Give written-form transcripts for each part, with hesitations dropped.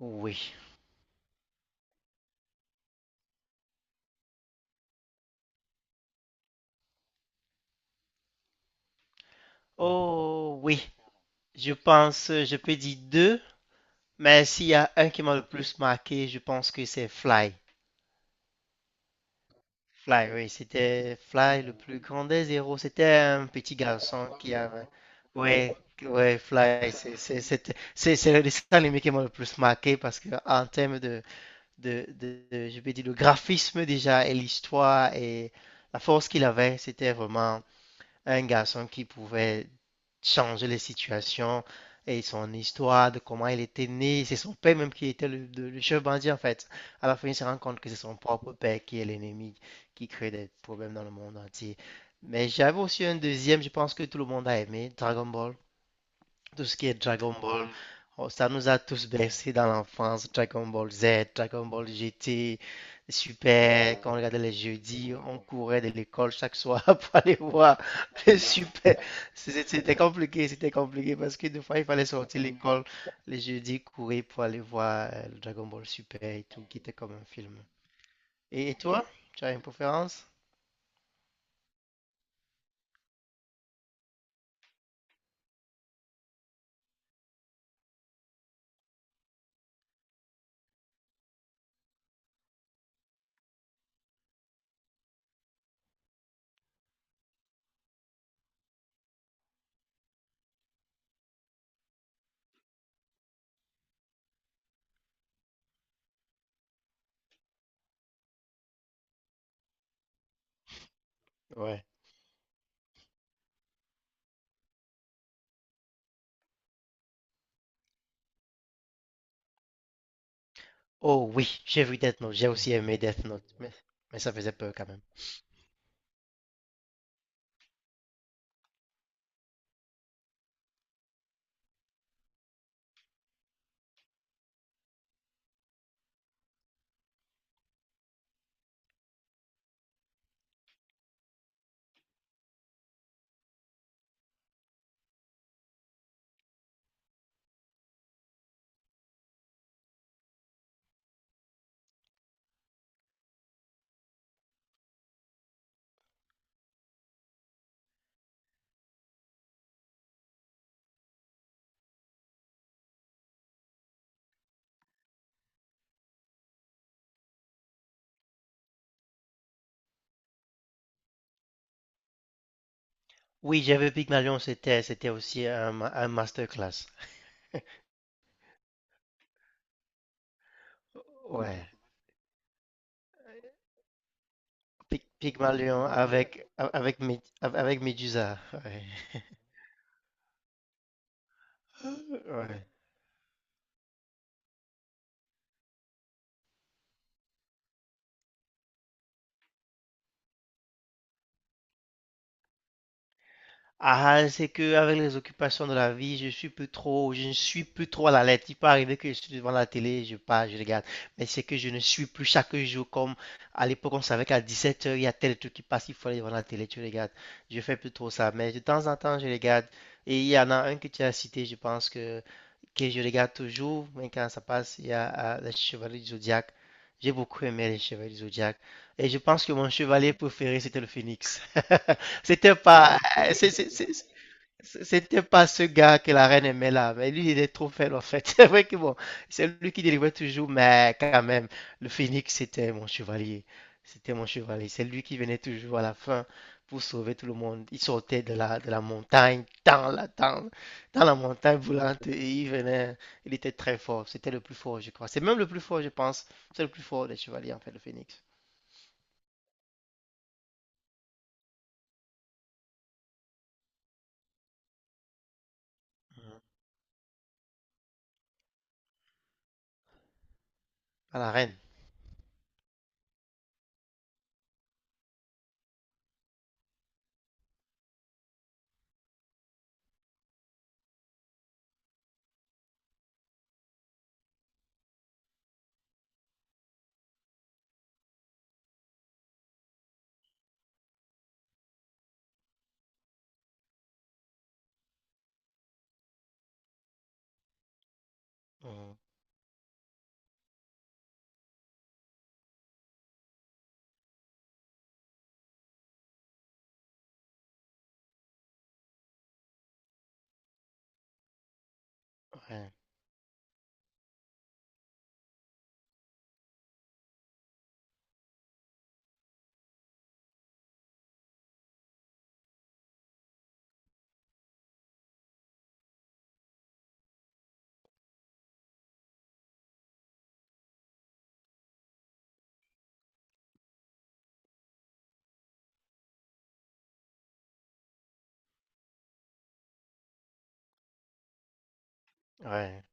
Oui. Oh oui. Je pense, je peux dire deux, mais s'il y a un qui m'a le plus marqué, je pense que c'est Fly. Fly, oui, c'était Fly, le plus grand des héros. C'était un petit garçon qui avait. Ouais, ouais, Fly, c'est le dessin animé qui m'a le plus marqué parce que en termes de, je vais dire, le graphisme déjà et l'histoire et la force qu'il avait, c'était vraiment un garçon qui pouvait changer les situations et son histoire de comment il était né. C'est son père même qui était le le chef bandit en fait. À la fin, il se rend compte que c'est son propre père qui est l'ennemi, qui crée des problèmes dans le monde entier. Mais j'avais aussi un deuxième, je pense que tout le monde a aimé, Dragon Ball. Tout ce qui est Dragon Ball, oh, ça nous a tous bercés dans l'enfance. Dragon Ball Z, Dragon Ball GT, Super, quand on regardait les jeudis, on courait de l'école chaque soir pour aller voir le Super. C'était c'était compliqué parce que des fois, il fallait sortir de l'école les jeudis, courir pour aller voir le Dragon Ball Super et tout, qui était comme un film. Et toi, tu as une préférence? Ouais. Oh oui, j'ai vu Death Note, j'ai aussi aimé Death Note, mais ça faisait peur quand même. Oui, j'avais Pygmalion, c'était c'était aussi un, un masterclass. Ouais. Pygmalion avec avec avec Médusa. Ouais. Ouais. Ah, c'est que avec les occupations de la vie, je suis plus trop, je ne suis plus trop à la lettre. Il peut arriver que je suis devant la télé, je pars, je regarde. Mais c'est que je ne suis plus chaque jour comme à l'époque, on savait qu'à 17h, il y a tel truc qui passe, il faut aller devant la télé, tu regardes. Je fais plus trop ça. Mais de temps en temps, je regarde. Et il y en a un que tu as cité, je pense que je regarde toujours, mais quand ça passe, il y a les Chevaliers du Zodiaque. J'ai beaucoup aimé les Chevaliers du Zodiaque. Et je pense que mon chevalier préféré, c'était le Phénix. C'était pas. C'était pas ce gars que la reine aimait là, mais lui il est trop faible en fait. C'est vrai que bon, c'est lui qui délivrait toujours, mais quand même, le phénix c'était mon chevalier. C'était mon chevalier. C'est lui qui venait toujours à la fin pour sauver tout le monde. Il sortait de la montagne, dans la montagne brûlante, et il venait. Il était très fort. C'était le plus fort, je crois. C'est même le plus fort, je pense. C'est le plus fort des chevaliers en fait, le phénix. Mhm. À la reine. Mhm. Ouais, ouais.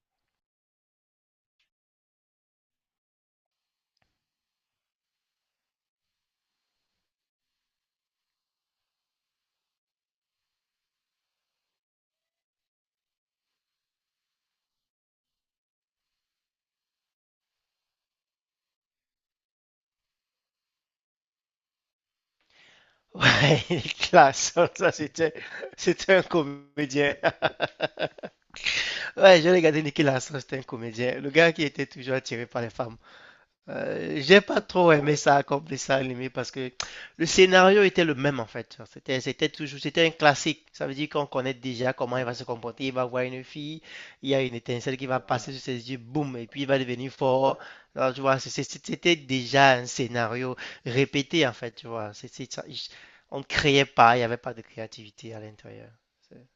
Ouais, Nicolas ça c'était, c'était un comédien. Ouais, j'ai regardé Nicolas c'était un comédien. Le gars qui était toujours attiré par les femmes. J'ai pas trop aimé ça comme dessin animé parce que le scénario était le même en fait. C'était, c'était toujours, c'était un classique. Ça veut dire qu'on connaît déjà comment il va se comporter. Il va voir une fille, il y a une étincelle qui va passer sur ses yeux, boum, et puis il va devenir fort. Alors, tu vois, c'était déjà un scénario répété en fait, tu vois. C'est ça. On ne créait pas, il n'y avait pas de créativité à l'intérieur. C'est-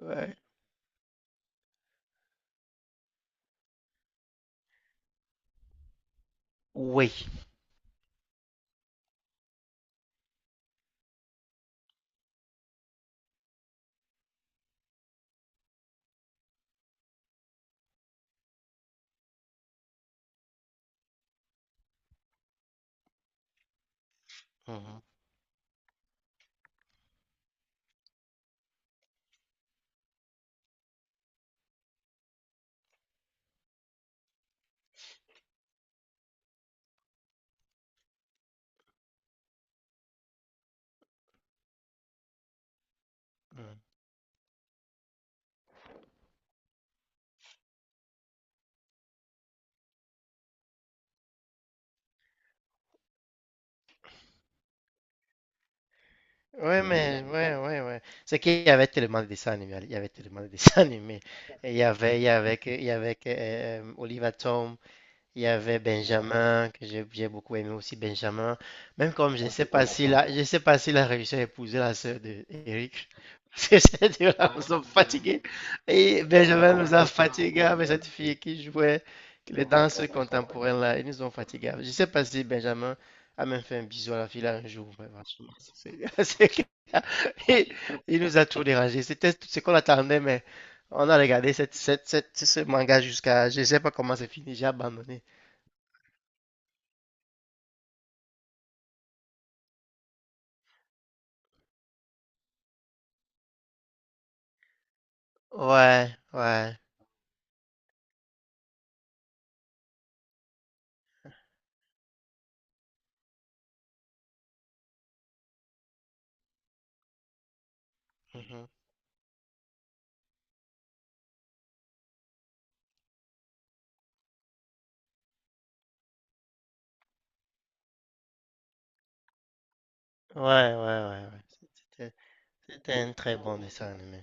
Ouais. Oui. Mhm. Mhm. Ouais, ouais, ouais. C'est qu'il y avait tellement de dessins animés. Il y avait tellement de dessins animés. Et il y avait que, Oliver Tom. Il y avait Benjamin, que j'ai beaucoup aimé aussi Benjamin. Même comme je ne sais pas s'il a, je sais pas s'il a réussi à épouser la sœur de Eric. Parce que ces deux-là nous ont fatigués. Et Benjamin nous a fatigués avec cette fille qui jouait les danses contemporaines là. Ils nous ont fatigués. Je ne sais pas si Benjamin a même fait un bisou à la fille là un jour. Mais franchement, c'est- c'est clair. Et il nous a tout dérangé. C'était tout ce qu'on attendait, mais on a regardé ce manga jusqu'à. Je ne sais pas comment c'est fini. J'ai abandonné. Ouais, ouais. Mhm. Ouais, ouais, ouais, ouais. C'était c'était un très bon dessin animé.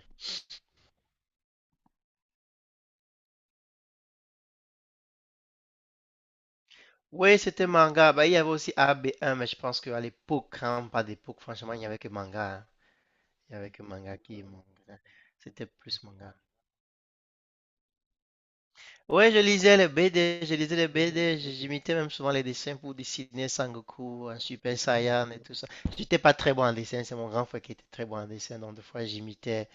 Oui, c'était manga. Bah, il y avait aussi AB1, mais je pense qu'à l'époque, quand on parle d'époque, franchement, il n'y avait que manga, hein. Il n'y avait que manga qui. Manga. C'était plus manga. Ouais, je lisais les BD, je lisais les BD, j'imitais même souvent les dessins pour dessiner Sangoku, Super Saiyan et tout ça. J'étais pas très bon en dessin, c'est mon grand frère qui était très bon en dessin, donc des fois j'imitais.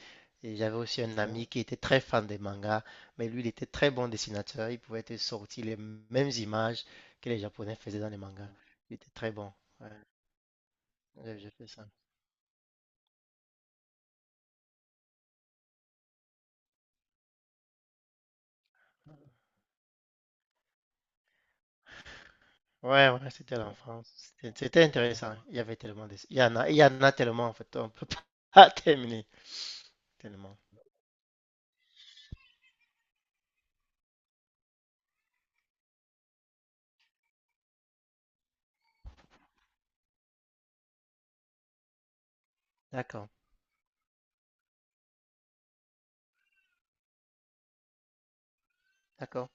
Et j'avais aussi un ami qui était très fan des mangas, mais lui il était très bon dessinateur, il pouvait te sortir les mêmes images que les Japonais faisaient dans les mangas. Il était très bon. Ouais, j'ai fait ça. Ouais, ouais, c'était l'enfance. C'était c'était intéressant. Il y avait tellement de... Il y en a, il y en a tellement en fait, on peut pas terminer. Tellement. D'accord, d'accord.